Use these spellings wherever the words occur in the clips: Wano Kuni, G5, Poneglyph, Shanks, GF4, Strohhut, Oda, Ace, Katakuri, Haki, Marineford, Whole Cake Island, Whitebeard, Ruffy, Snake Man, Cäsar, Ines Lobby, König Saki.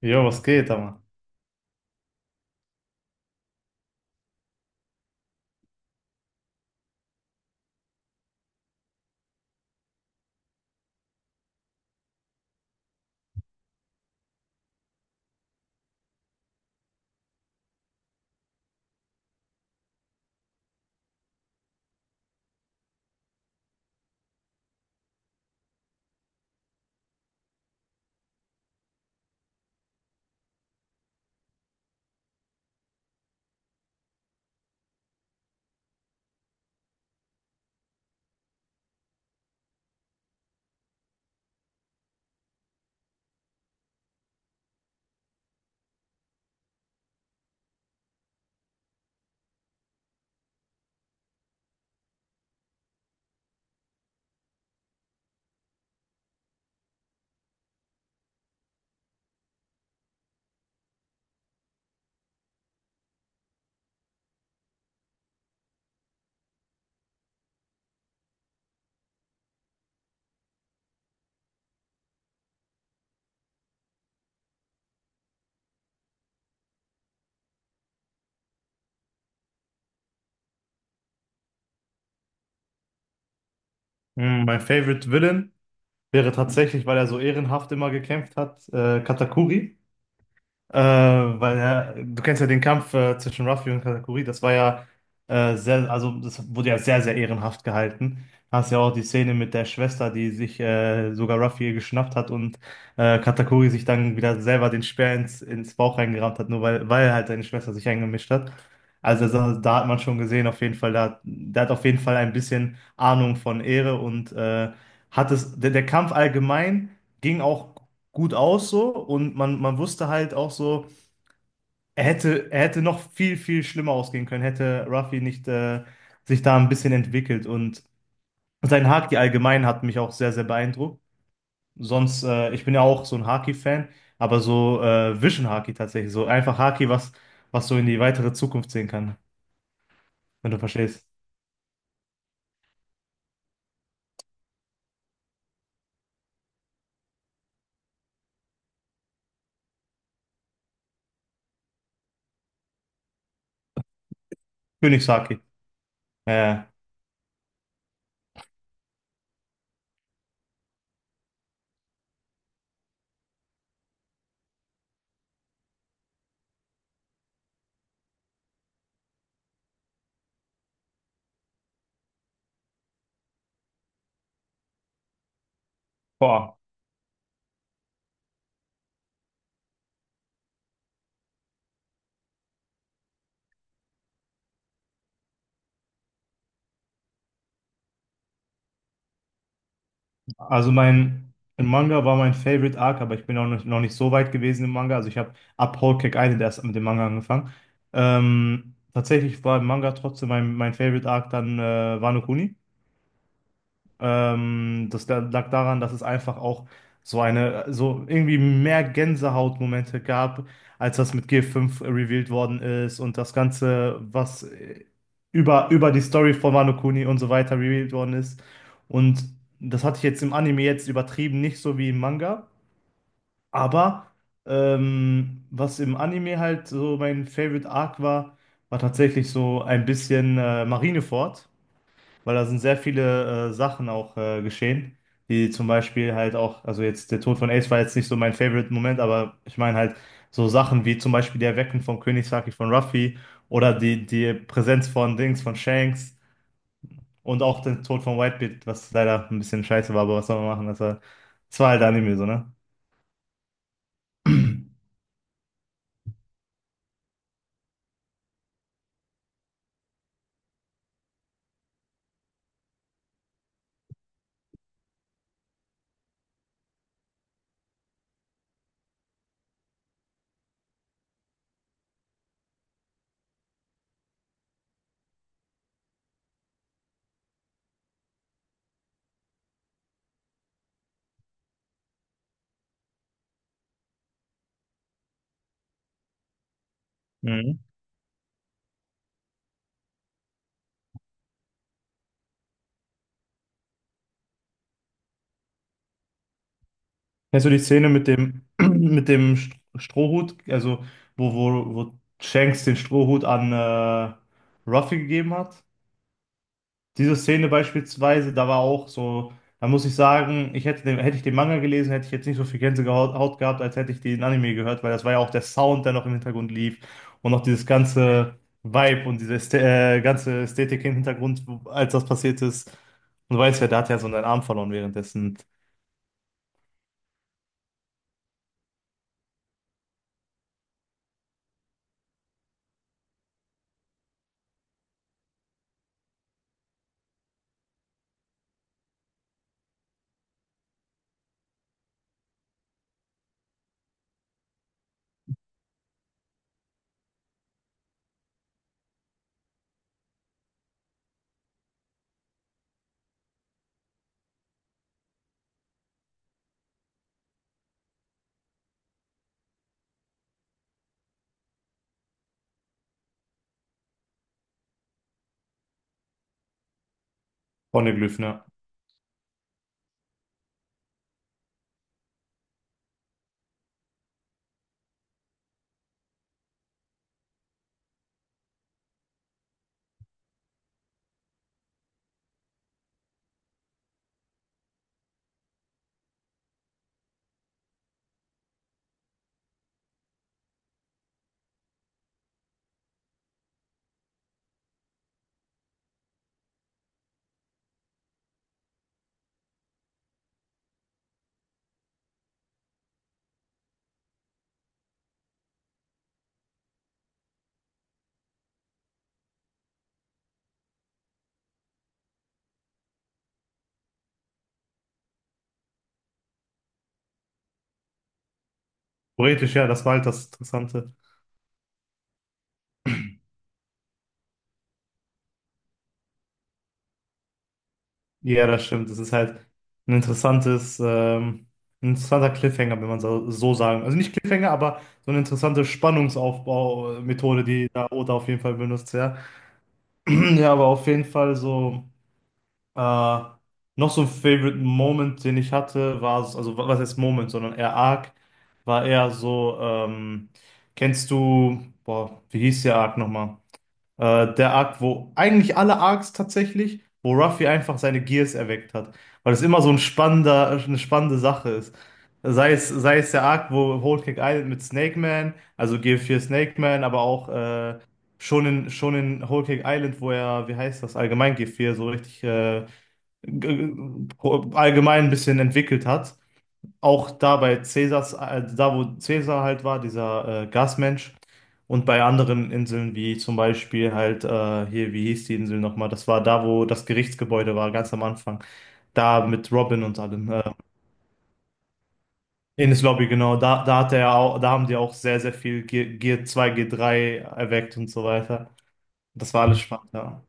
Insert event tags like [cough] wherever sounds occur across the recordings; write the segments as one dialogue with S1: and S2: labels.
S1: Jo, was geht, aber? Mein Favorite Villain wäre tatsächlich, weil er so ehrenhaft immer gekämpft hat, Katakuri. Weil ja, du kennst ja den Kampf zwischen Ruffy und Katakuri, das war ja sehr, also das wurde ja sehr, sehr ehrenhaft gehalten. Hast ja auch die Szene mit der Schwester, die sich sogar Ruffy geschnappt hat und Katakuri sich dann wieder selber den Speer ins Bauch reingerammt hat, nur weil halt seine Schwester sich eingemischt hat. Also da hat man schon gesehen, auf jeden Fall, da, der hat auf jeden Fall ein bisschen Ahnung von Ehre. Und der Kampf allgemein ging auch gut aus so, und man wusste halt auch so, er hätte noch viel, viel schlimmer ausgehen können, hätte Ruffy nicht sich da ein bisschen entwickelt. Und sein Haki allgemein hat mich auch sehr, sehr beeindruckt. Sonst, ich bin ja auch so ein Haki-Fan, aber so Vision Haki tatsächlich, so einfach Haki, was so in die weitere Zukunft sehen kann, wenn du verstehst. Königshaki. Äh, Boah. Also mein, im Manga war mein Favorite Arc, aber ich bin auch noch nicht so weit gewesen im Manga. Also ich habe ab Whole Cake Island erst mit dem Manga angefangen. Tatsächlich war im Manga trotzdem mein Favorite Arc dann Wano Kuni. Lag daran, dass es einfach auch so irgendwie mehr Gänsehautmomente gab, als das mit G5 revealed worden ist, und das Ganze, was über die Story von Wano Kuni und so weiter revealed worden ist. Und das hatte ich jetzt im Anime jetzt übertrieben, nicht so wie im Manga, aber was im Anime halt so mein Favorite Arc war, war tatsächlich so ein bisschen Marineford, weil da sind sehr viele Sachen auch geschehen, die zum Beispiel halt auch, also jetzt der Tod von Ace war jetzt nicht so mein Favorite-Moment, aber ich meine halt so Sachen wie zum Beispiel die Erweckung von König Saki von Ruffy oder die Präsenz von Dings, von Shanks und auch den Tod von Whitebeard, was leider ein bisschen scheiße war, aber was soll man machen, das war halt Anime so, ne? Mhm. Kennst du die Szene mit dem, [clears throat] mit dem Strohhut, also wo Shanks den Strohhut an Ruffy gegeben hat? Diese Szene beispielsweise, da war auch so, da muss ich sagen, hätte ich den Manga gelesen, hätte ich jetzt nicht so viel Gänsehaut Haut gehabt, als hätte ich den Anime gehört, weil das war ja auch der Sound, der noch im Hintergrund lief, und noch dieses ganze Vibe und diese Ästhe ganze Ästhetik im Hintergrund, als das passiert ist. Und du weißt ja, da hat er so seinen Arm verloren währenddessen. Poneglyph, ne? Theoretisch, ja, das war halt das Interessante. Ja, das stimmt. Das ist halt ein interessantes, ähm, ein interessanter Cliffhanger, wenn man so, so sagen. Also nicht Cliffhanger, aber so eine interessante Spannungsaufbau-Methode, die da Oda auf jeden Fall benutzt, ja. [clears throat] Ja, aber auf jeden Fall so, äh, noch so ein Favorite Moment, den ich hatte, war, also was heißt Moment, sondern eher Arc, war eher so, kennst du, boah, wie hieß der Arc nochmal? Der Arc, wo eigentlich alle Arcs tatsächlich, wo Ruffy einfach seine Gears erweckt hat, weil es immer so ein spannender, eine spannende Sache ist. Sei es der Arc, wo Whole Cake Island mit Snake Man, also GF4 Snake Man, aber auch schon in Whole Cake Island, wo er, wie heißt das, allgemein GF4 so richtig g- allgemein ein bisschen entwickelt hat. Auch da bei Cäsars, da wo Cäsar halt war, dieser Gasmensch. Und bei anderen Inseln, wie zum Beispiel halt hier, wie hieß die Insel nochmal? Das war da, wo das Gerichtsgebäude war, ganz am Anfang. Da mit Robin und allem. Ines Lobby, genau. Da hat er auch, da haben die auch sehr, sehr viel G G2, G3 erweckt und so weiter. Das war alles spannend, ja.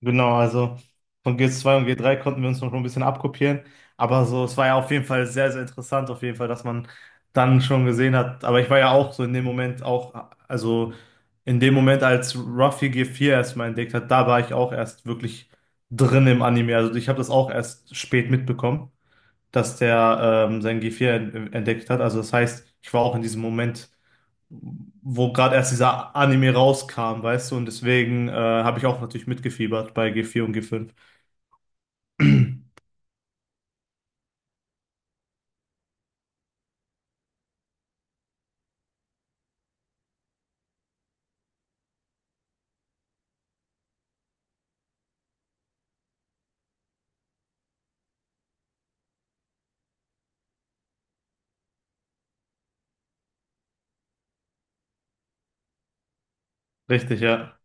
S1: Genau, also von G2 und G3 konnten wir uns noch schon ein bisschen abkopieren, aber so, es war ja auf jeden Fall sehr, sehr interessant, auf jeden Fall, dass man dann schon gesehen hat. Aber ich war ja auch so in dem Moment auch, also in dem Moment, als Ruffy G4 erstmal entdeckt hat, da war ich auch erst wirklich drin im Anime, also ich habe das auch erst spät mitbekommen, dass der sein G4 entdeckt hat. Also das heißt, ich war auch in diesem Moment, wo gerade erst dieser Anime rauskam, weißt du, und deswegen habe ich auch natürlich mitgefiebert bei G4 und G5. Richtig, ja.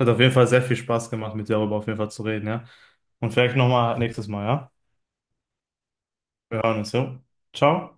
S1: Hat auf jeden Fall sehr viel Spaß gemacht, mit dir darüber auf jeden Fall zu reden, ja. Und vielleicht nochmal nächstes Mal, ja? Wir hören uns, ja. Ciao.